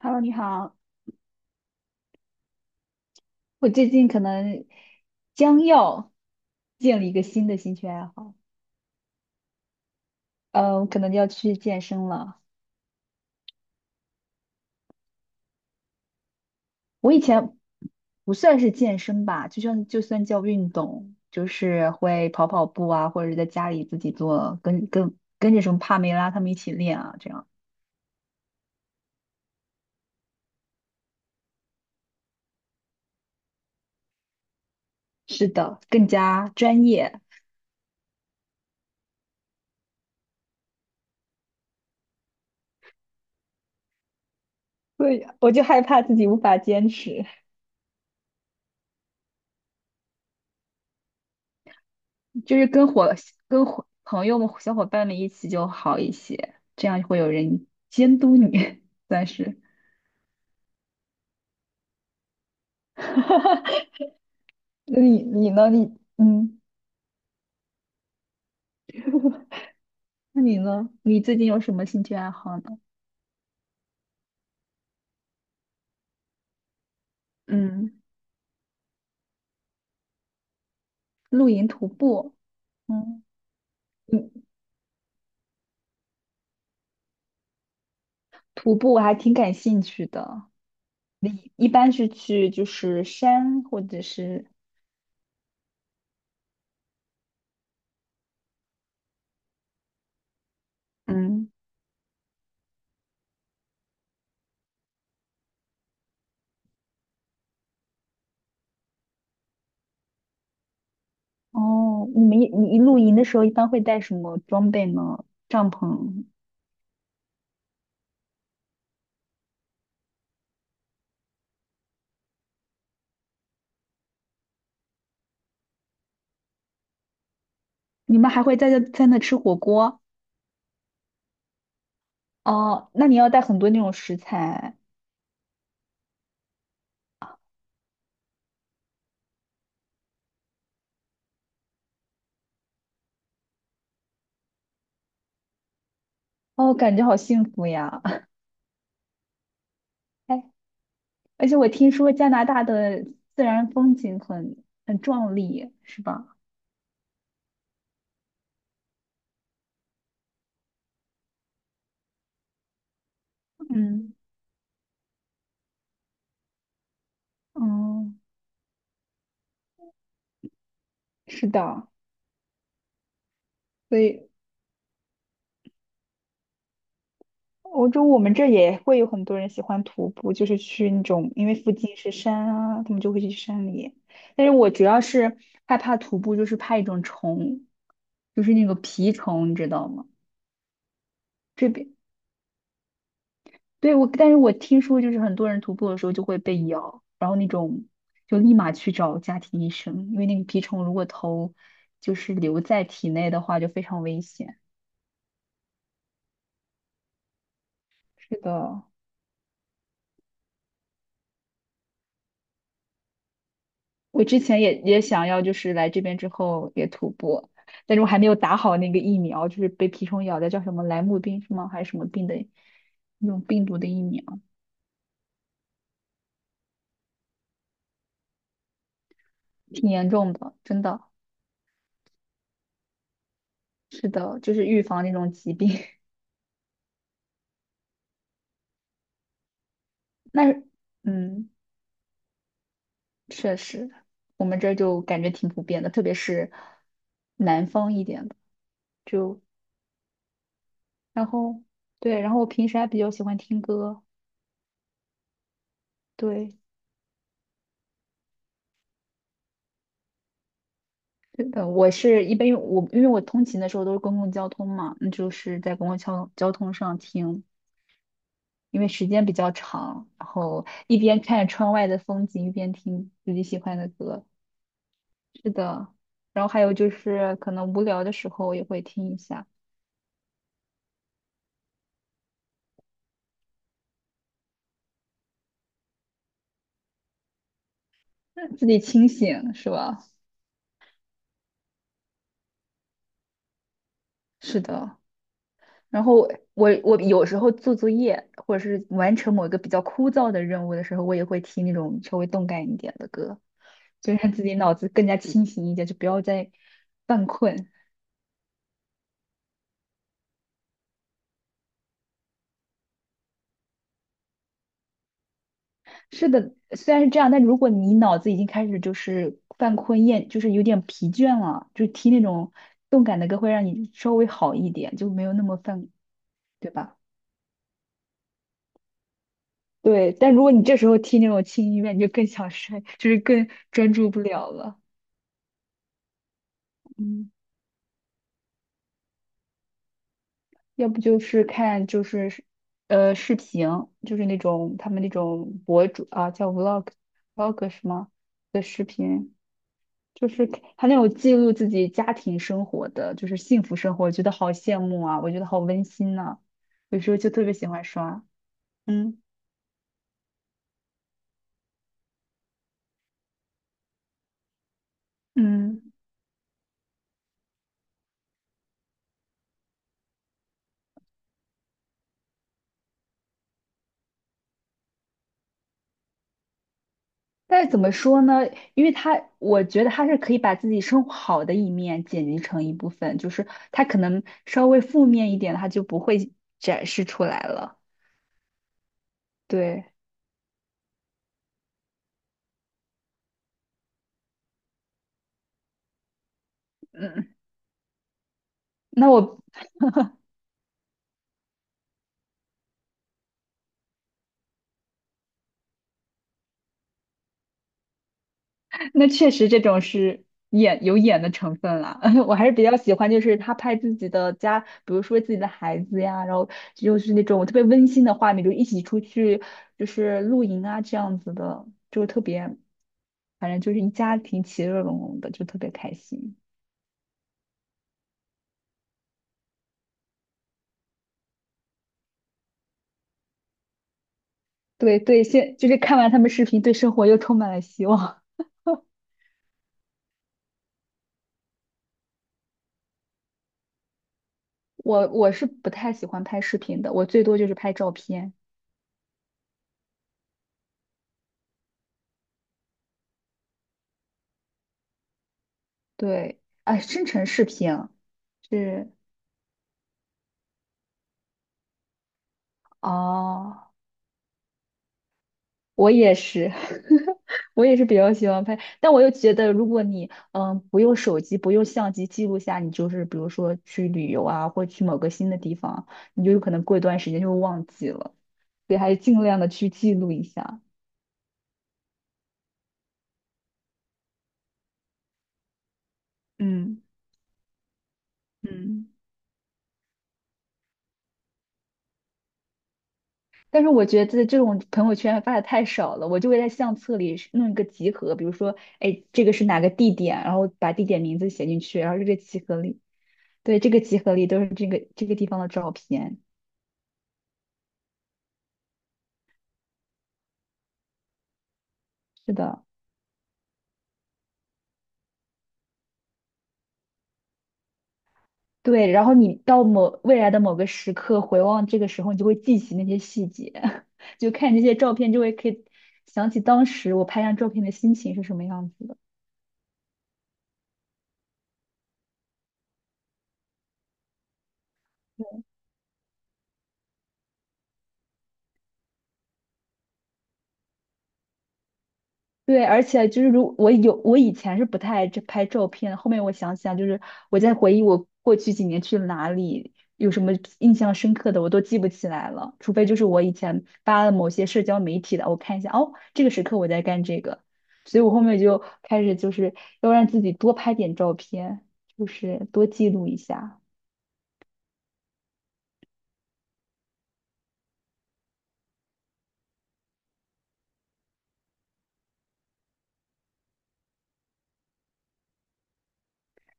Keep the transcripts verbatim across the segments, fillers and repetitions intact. Hello，你好。我最近可能将要建立一个新的兴趣爱好，呃，我可能要去健身了。我以前不算是健身吧，就算就算叫运动，就是会跑跑步啊，或者是在家里自己做，跟跟跟着什么帕梅拉他们一起练啊，这样。是的，更加专业。对，我就害怕自己无法坚持。就是跟伙跟伙朋友们、小伙伴们一起就好一些，这样会有人监督你，算是。那你你呢？你嗯，那你呢？你最近有什么兴趣爱好呢？嗯，露营、徒步。嗯。嗯，徒步我还挺感兴趣的。你一般是去就是山或者是嗯。哦，你们一你露营的时候一般会带什么装备呢？帐篷？你们还会在在那吃火锅？哦，那你要带很多那种食材，哦，感觉好幸福呀！哎，而且我听说加拿大的自然风景很很壮丽，是吧？嗯。嗯，是的，所以欧洲我们这儿也会有很多人喜欢徒步，就是去那种，因为附近是山啊，他们就会去山里。但是我主要是害怕徒步，就是怕一种虫，就是那个蜱虫，你知道吗？这边对，我，但是我听说就是很多人徒步的时候就会被咬，然后那种就立马去找家庭医生，因为那个蜱虫如果头就是留在体内的话就非常危险。是的，我之前也也想要就是来这边之后也徒步，但是我还没有打好那个疫苗，就是被蜱虫咬的叫什么莱姆病是吗？还是什么病的那种病毒的疫苗，挺严重的，真的是的，就是预防那种疾病。那嗯。确实，我们这儿就感觉挺普遍的，特别是南方一点的，就然后对，然后我平时还比较喜欢听歌，对，呃，我是一般因为我因为我通勤的时候都是公共交通嘛，那就是在公共交交通上听，因为时间比较长，然后一边看着窗外的风景，一边听自己喜欢的歌，是的，然后还有就是可能无聊的时候也会听一下，让自己清醒，是吧？是的。然后我我有时候做作业或者是完成某一个比较枯燥的任务的时候，我也会听那种稍微动感一点的歌，就让自己脑子更加清醒一点，就不要再犯困。是的，虽然是这样，但如果你脑子已经开始就是犯困厌，就是有点疲倦了，就听那种动感的歌会让你稍微好一点，就没有那么犯，对吧？对，但如果你这时候听那种轻音乐，你就更想睡，就是更专注不了了。嗯。要不就是看就是视呃视频，就是那种他们那种博主啊，叫 vlog vlog 什么的视频，就是他那种记录自己家庭生活的，就是幸福生活，我觉得好羡慕啊，我觉得好温馨呐、有时候就特别喜欢刷，嗯。嗯。但是怎么说呢？因为他，我觉得他是可以把自己生活好的一面剪辑成一部分，就是他可能稍微负面一点，他就不会展示出来了。对。嗯，那我那确实这种是演有演的成分啦，我还是比较喜欢，就是他拍自己的家，比如说自己的孩子呀，然后就是那种特别温馨的画面，就一起出去就是露营啊这样子的，就特别，反正就是一家庭其乐融融的，就特别开心。对对，现就是看完他们视频，对生活又充满了希望。我我是不太喜欢拍视频的，我最多就是拍照片。对，啊，生成视频啊是。哦，我也是，我也是比较喜欢拍，但我又觉得，如果你嗯不用手机、不用相机记录下，你就是比如说去旅游啊，或去某个新的地方，你就有可能过一段时间就会忘记了，所以还是尽量的去记录一下。嗯。嗯。但是我觉得这种朋友圈发的太少了，我就会在相册里是弄一个集合，比如说，哎，这个是哪个地点，然后把地点名字写进去，然后这个集合里，对，这个集合里都是这个这个地方的照片。是的，对，然后你到某未来的某个时刻回望这个时候，你就会记起那些细节，就看这些照片就会可以想起当时我拍张照片的心情是什么样子的。对，而且就是如我有我以前是不太爱这拍照片后面我想想，就是我在回忆我过去几年去了哪里，有什么印象深刻的，我都记不起来了，除非就是我以前发了某些社交媒体的，我看一下，哦，这个时刻我在干这个，所以我后面就开始就是要让自己多拍点照片，就是多记录一下。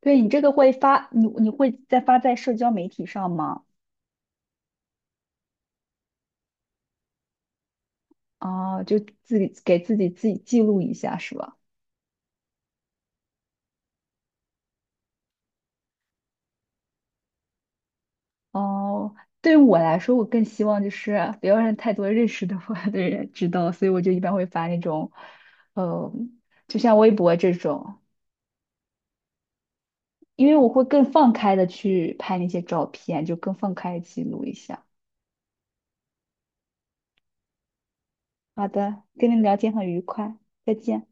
对，你这个会发，你你会再发在社交媒体上吗？啊，就自己给自己自己记录一下是吧？哦，对于我来说，我更希望就是不要让太多认识的我的人知道，所以我就一般会发那种，呃，就像微博这种，因为我会更放开的去拍那些照片，就更放开地记录一下。好的，跟你聊天很愉快，再见。